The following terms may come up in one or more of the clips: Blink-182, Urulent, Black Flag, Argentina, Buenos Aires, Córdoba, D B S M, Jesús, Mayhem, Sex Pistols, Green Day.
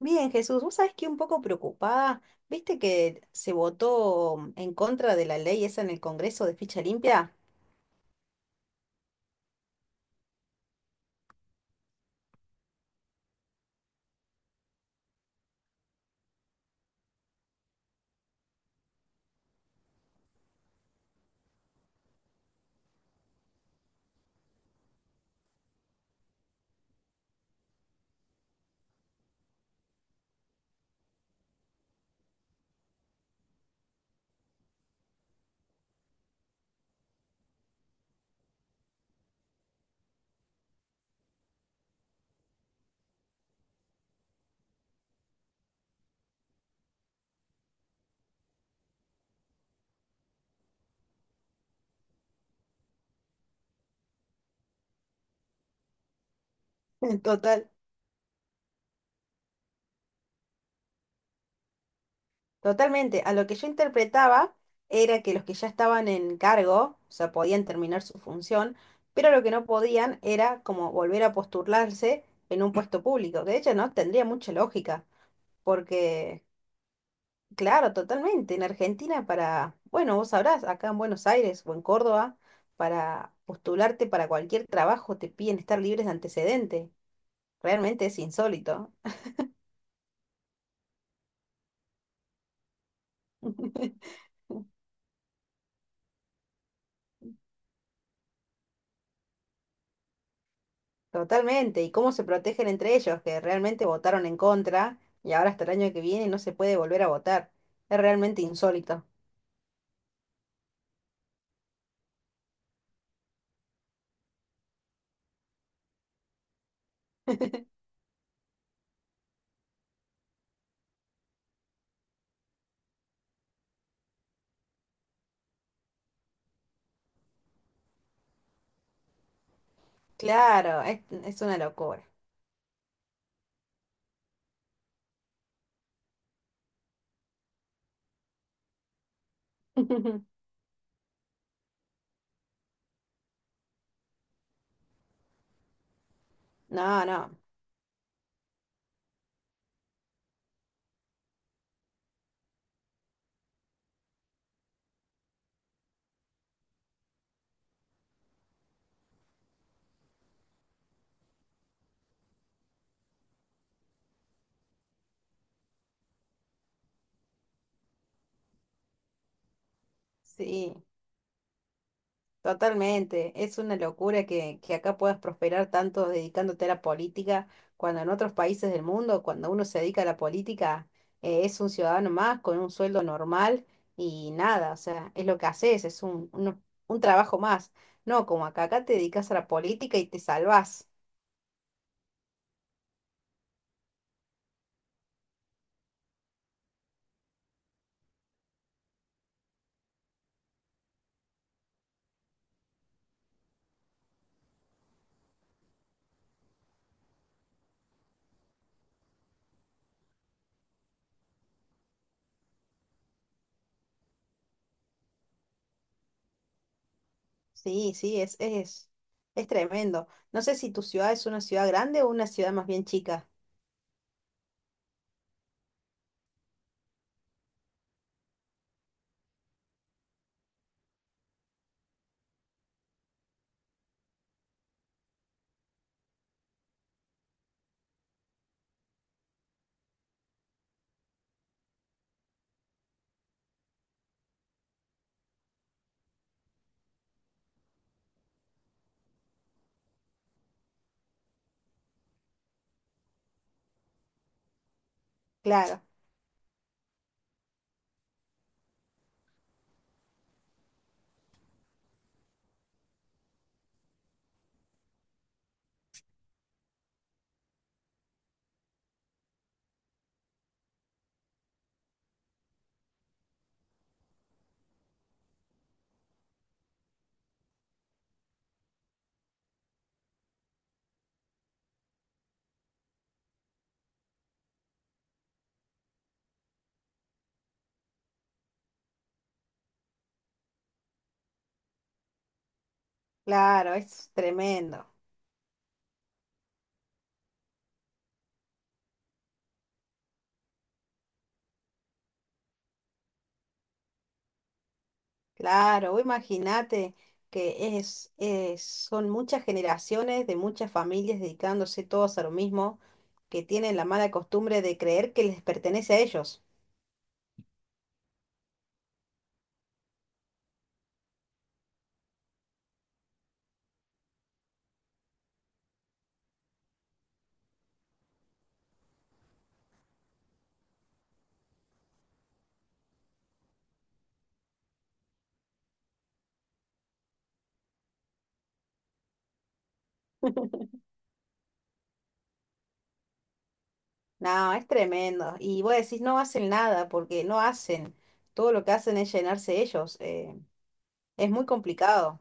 Bien, Jesús, vos sabés que un poco preocupada, viste que se votó en contra de la ley esa en el Congreso de ficha limpia. Total, totalmente. A lo que yo interpretaba era que los que ya estaban en cargo, o sea, podían terminar su función, pero lo que no podían era como volver a postularse en un puesto público, que de hecho no tendría mucha lógica, porque claro, totalmente. En Argentina para, bueno, vos sabrás, acá en Buenos Aires o en Córdoba, para postularte para cualquier trabajo te piden estar libres de antecedente. Realmente es insólito. Totalmente. ¿Y cómo se protegen entre ellos que realmente votaron en contra y ahora hasta el año que viene no se puede volver a votar? Es realmente insólito. Claro, es una locura. No, no, sí. Totalmente, es una locura que acá puedas prosperar tanto dedicándote a la política, cuando en otros países del mundo, cuando uno se dedica a la política, es un ciudadano más con un sueldo normal y nada, o sea, es lo que haces, es un trabajo más. No, como acá, acá te dedicas a la política y te salvás. Sí, sí, es tremendo. No sé si tu ciudad es una ciudad grande o una ciudad más bien chica. Claro, claro, es tremendo. Claro, vos imagínate que son muchas generaciones de muchas familias dedicándose todos a lo mismo, que tienen la mala costumbre de creer que les pertenece a ellos. No, es tremendo. Y vos decís, no hacen nada, porque no hacen. Todo lo que hacen es llenarse ellos. Es muy complicado.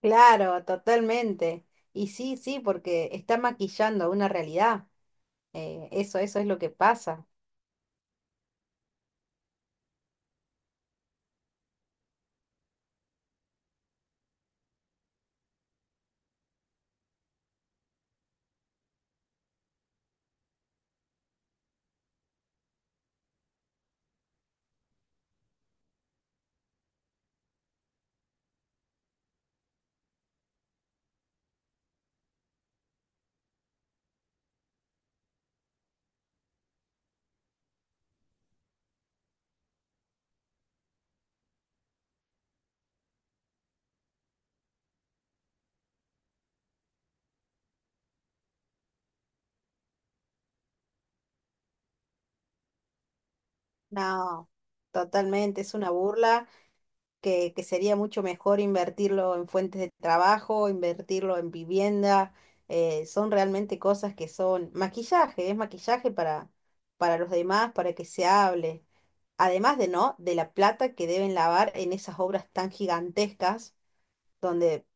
Claro, totalmente. Y sí, sí, porque está maquillando una realidad. Eso, eso es lo que pasa. No, totalmente, es una burla, que sería mucho mejor invertirlo en fuentes de trabajo, invertirlo en vivienda, son realmente cosas que son maquillaje, es maquillaje para los demás, para que se hable. Además de no, de la plata que deben lavar en esas obras tan gigantescas, donde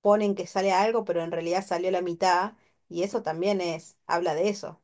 ponen que sale algo, pero en realidad salió la mitad, y eso también es, habla de eso.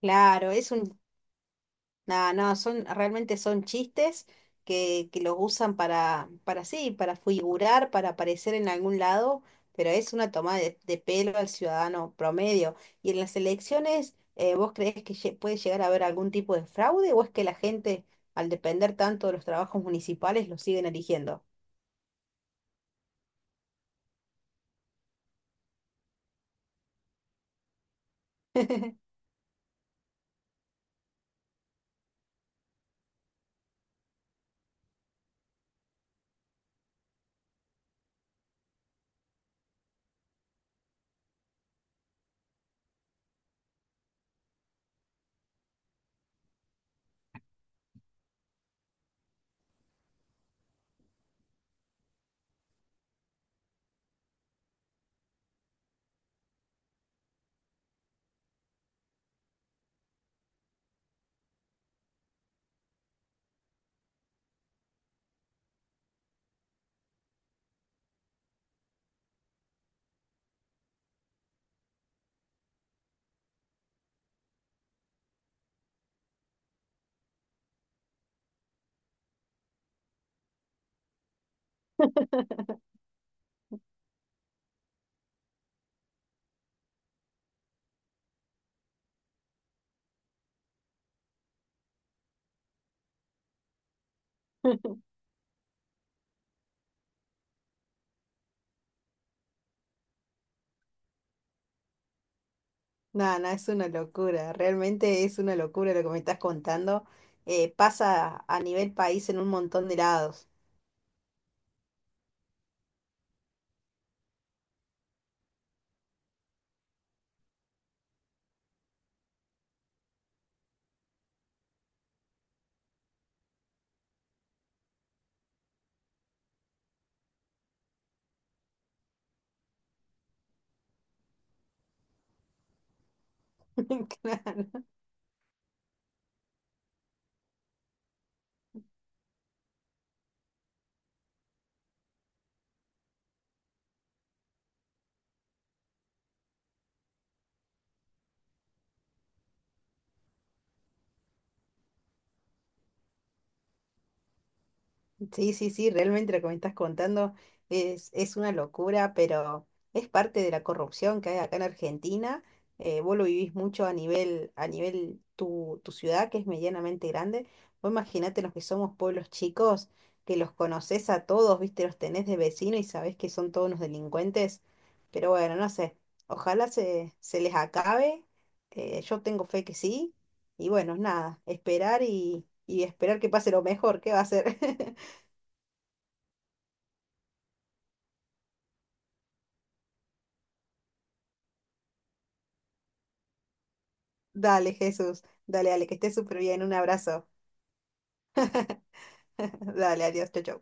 Claro, es un... No, no, son, realmente son chistes que los usan para sí, para figurar, para aparecer en algún lado, pero es una toma de pelo al ciudadano promedio. ¿Y en las elecciones, vos creés que puede llegar a haber algún tipo de fraude o es que la gente, al depender tanto de los trabajos municipales, los siguen eligiendo? No, no, es una locura, realmente es una locura lo que me estás contando. Pasa a nivel país en un montón de lados. Sí, sí, sí, realmente lo que me estás contando es una locura, pero es parte de la corrupción que hay acá en Argentina. Vos lo vivís mucho a nivel tu ciudad, que es medianamente grande. Vos imaginate los que somos pueblos chicos, que los conocés a todos, viste, los tenés de vecino y sabés que son todos unos delincuentes. Pero bueno, no sé, ojalá se les acabe. Yo tengo fe que sí. Y bueno, nada, esperar y esperar que pase lo mejor, ¿qué va a ser? Dale, Jesús. Dale, dale, que estés súper bien. Un abrazo. Dale, adiós, chau, chau.